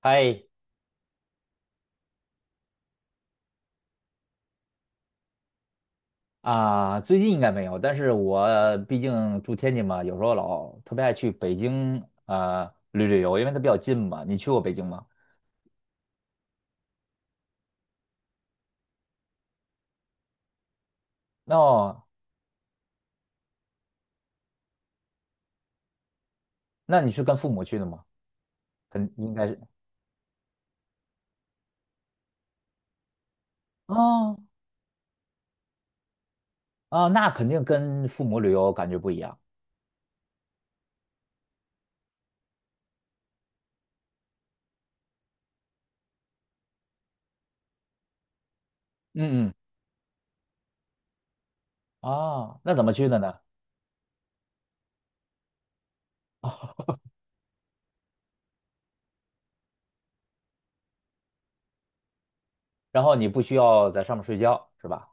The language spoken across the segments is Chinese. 嗨啊，最近应该没有，但是我毕竟住天津嘛，有时候老特别爱去北京旅游，因为它比较近嘛。你去过北京吗？哦，那你是跟父母去的吗？应该是。哦啊，那肯定跟父母旅游感觉不一样。嗯嗯哦，那怎么去的呢？然后你不需要在上面睡觉是吧？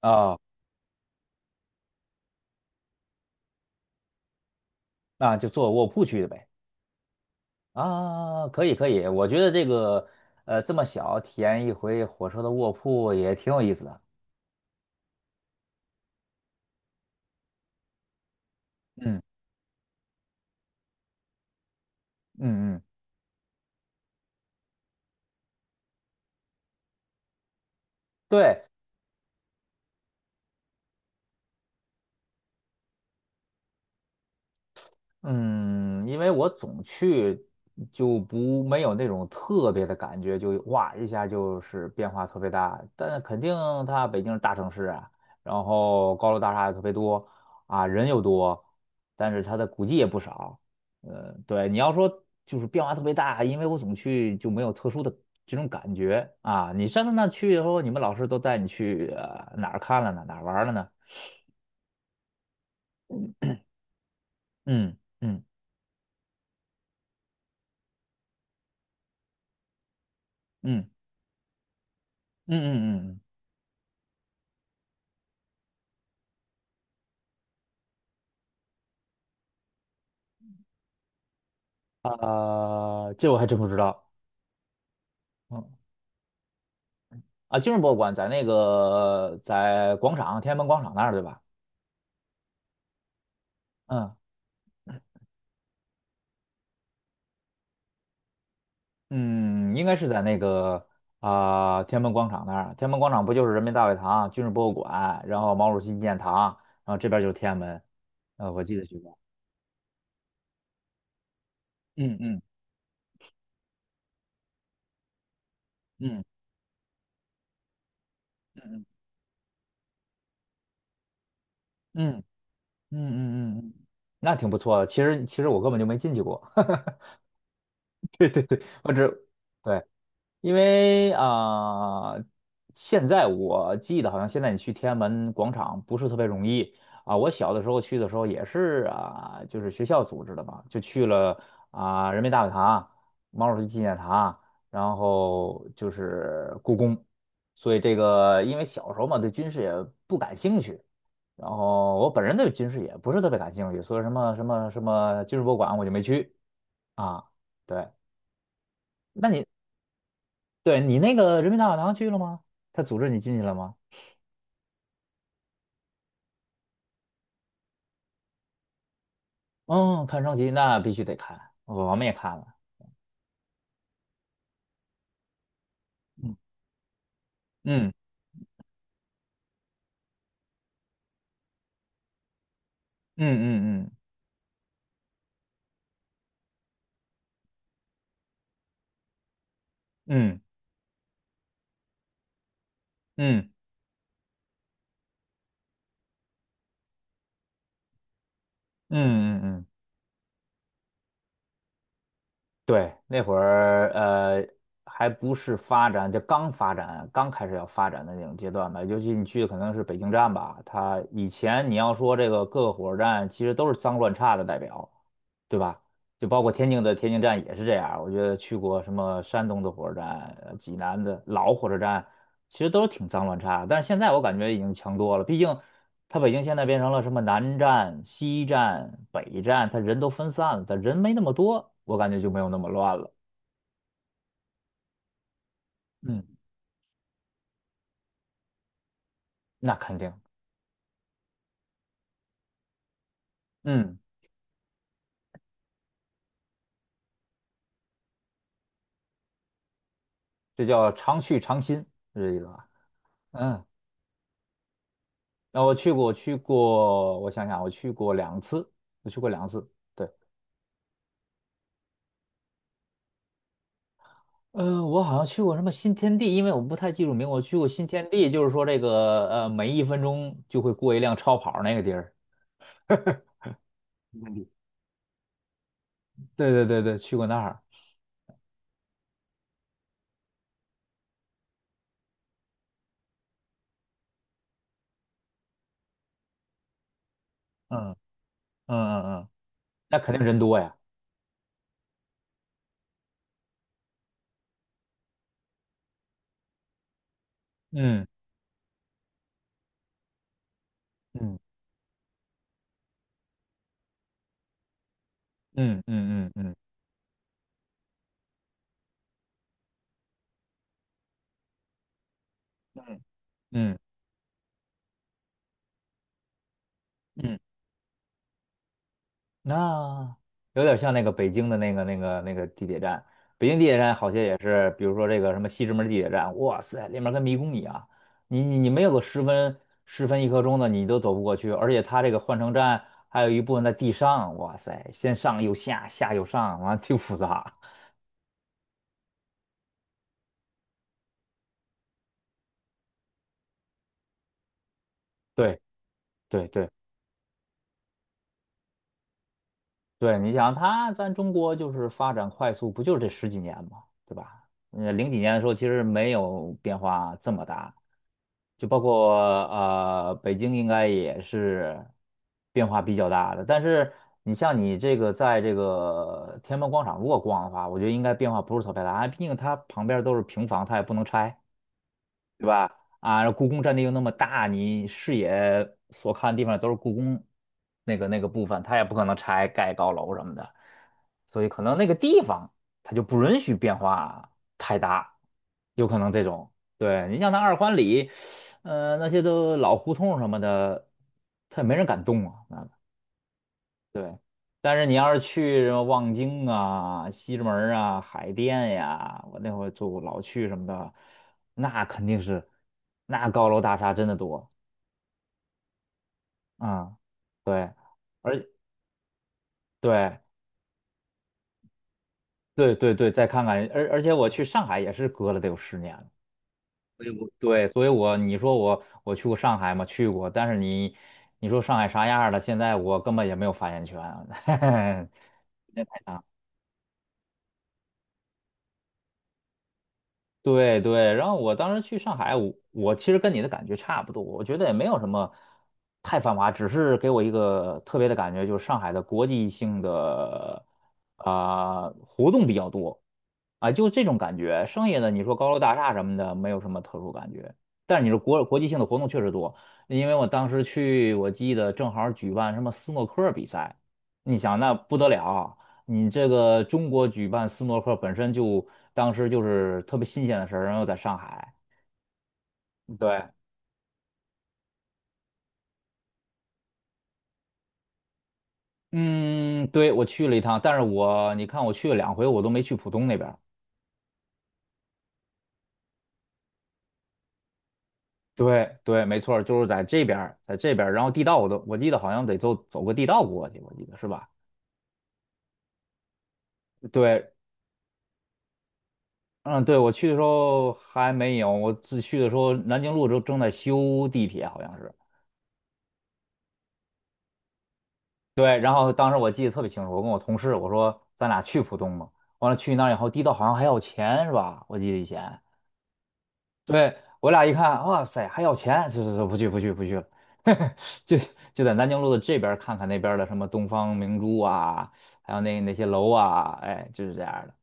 啊，那就坐卧铺去的呗。啊，可以可以，我觉得这个这么小体验一回火车的卧铺也挺有意思的。嗯嗯嗯，对，嗯，因为我总去就不没有那种特别的感觉，就哇一下就是变化特别大。但肯定它北京是大城市啊，然后高楼大厦也特别多啊，人又多，但是它的古迹也不少。对，你要说就是变化特别大，因为我总去就没有特殊的这种感觉啊。你上次那去以后，你们老师都带你去哪儿看了呢？哪儿玩儿了呢？嗯嗯嗯。嗯嗯嗯，嗯啊、这我还真不知道。嗯啊，军事博物馆在那个在广场天安门广场那儿对吧？嗯嗯，应该是在天安门广场那儿。天安门广场不就是人民大会堂、军事博物馆，然后毛主席纪念堂，然后这边就是天安门。我记得是这样。嗯嗯嗯嗯嗯嗯嗯嗯嗯，嗯那挺不错的。其实我根本就没进去过。对对对，对。因为啊、现在我记得好像现在你去天安门广场不是特别容易啊。我小的时候去的时候也是啊，就是学校组织的嘛，就去了啊、人民大会堂、毛主席纪念堂，然后就是故宫。所以这个，因为小时候嘛对军事也不感兴趣，然后我本人对军事也不是特别感兴趣，所以什么什么什么军事博物馆我就没去啊。对，那你对你那个人民大会堂去了吗？他组织你进去了吗？嗯，看升旗那必须得看，我们也看了。嗯嗯嗯嗯嗯嗯嗯嗯嗯嗯嗯。嗯对，那会儿还不是发展，就刚发展，刚开始要发展的那种阶段吧。尤其你去的可能是北京站吧，它以前你要说这个各个火车站其实都是脏乱差的代表，对吧？就包括天津的天津站也是这样。我觉得去过什么山东的火车站、济南的老火车站，其实都是挺脏乱差的。但是现在我感觉已经强多了，毕竟。他北京现在变成了什么南站、西站、北站，他人都分散了，它人没那么多，我感觉就没有那么乱了。嗯，那肯定，嗯，这叫常去常新，是这意思吧？嗯，那我去过，我去过，我想想，我去过两次，我去过两次。对，嗯，我好像去过什么新天地，因为我不太记住名，我去过新天地，就是说这个每一分钟就会过一辆超跑那个地儿。对对对对，去过那儿。嗯嗯嗯嗯，那肯定人多呀。嗯。嗯嗯嗯嗯嗯嗯嗯，那有点像那个北京的那个地铁站，北京地铁站好些也是，比如说这个什么西直门地铁站，哇塞，里面跟迷宫一样，你没有个十分一刻钟的你都走不过去，而且它这个换乘站还有一部分在地上，哇塞，先上又下，下又上，完了挺复杂。对对对。对，你想它，咱中国就是发展快速，不就是这十几年嘛，对吧？零几年的时候其实没有变化这么大，就包括北京应该也是变化比较大的。但是你像你这个在这个天安门广场如果逛的话，我觉得应该变化不是特别大，毕竟它旁边都是平房，它也不能拆。对吧？啊，然后故宫占地又那么大，你视野所看的地方都是故宫那个部分，它也不可能拆盖高楼什么的，所以可能那个地方它就不允许变化太大，有可能这种。对，你像那二环里，那些都老胡同什么的，它也没人敢动啊，对，但是你要是去什么望京啊、西直门儿啊、海淀呀，我那会儿住老去什么的，那肯定是，那高楼大厦真的多啊、对，而对对对对，再看看，而且我去上海也是隔了得有10年了，所以我对，所以我你说我去过上海吗？去过，但是你说上海啥样儿了？现在我根本也没有发言权。对对，然后我当时去上海，我其实跟你的感觉差不多，我觉得也没有什么太繁华，只是给我一个特别的感觉，就是上海的国际性的啊、活动比较多啊，就这种感觉。剩下的你说高楼大厦什么的，没有什么特殊感觉。但是你说国际性的活动确实多，因为我当时去，我记得正好举办什么斯诺克比赛，你想那不得了，你这个中国举办斯诺克本身就当时就是特别新鲜的事儿，然后在上海。对，嗯，对，我去了一趟，但是我你看我去了两回，我都没去浦东那边儿。对对，没错儿就是在这边儿在这边儿然后地道我都我记得好像得走走个地道过去，我记得是吧？对，嗯，对，我去的时候还没有，我自去的时候南京路都正在修地铁，好像是。对，然后当时我记得特别清楚，我跟我同事我说咱俩去浦东嘛，完了去那儿以后，地道好像还要钱是吧？我记得以前，对，我俩一看，哇塞，还要钱，就不去不去不去了。就就在南京路的这边儿看看那边儿的什么东方明珠啊，还有那些楼啊，哎，就是这样儿的。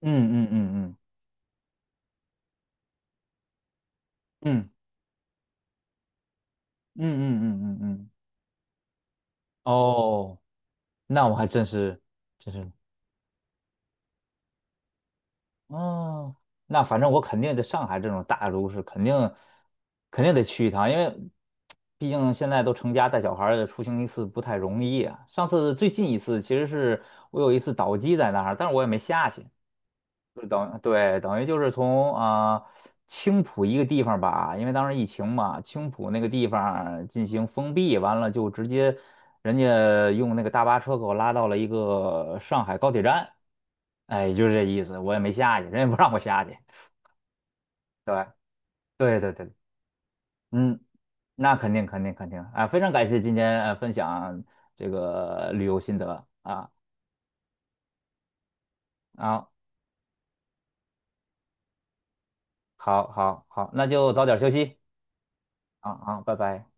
嗯嗯嗯嗯嗯嗯嗯嗯嗯嗯，嗯哦，那我还真是真是哦，那反正我肯定在上海这种大都市，肯定肯定得去一趟，因为毕竟现在都成家带小孩儿了出行一次不太容易啊。上次最近一次其实是我有一次倒机在那儿，但是我也没下去，对，等于就是从啊、青浦一个地方吧，因为当时疫情嘛，青浦那个地方进行封闭，完了就直接人家用那个大巴车给我拉到了一个上海高铁站，哎，就是这意思，我也没下去，人也不让我下去。对，对对对，嗯，那肯定肯定肯定啊，非常感谢今天分享这个旅游心得啊。啊，好好好，那就早点休息啊啊，拜拜。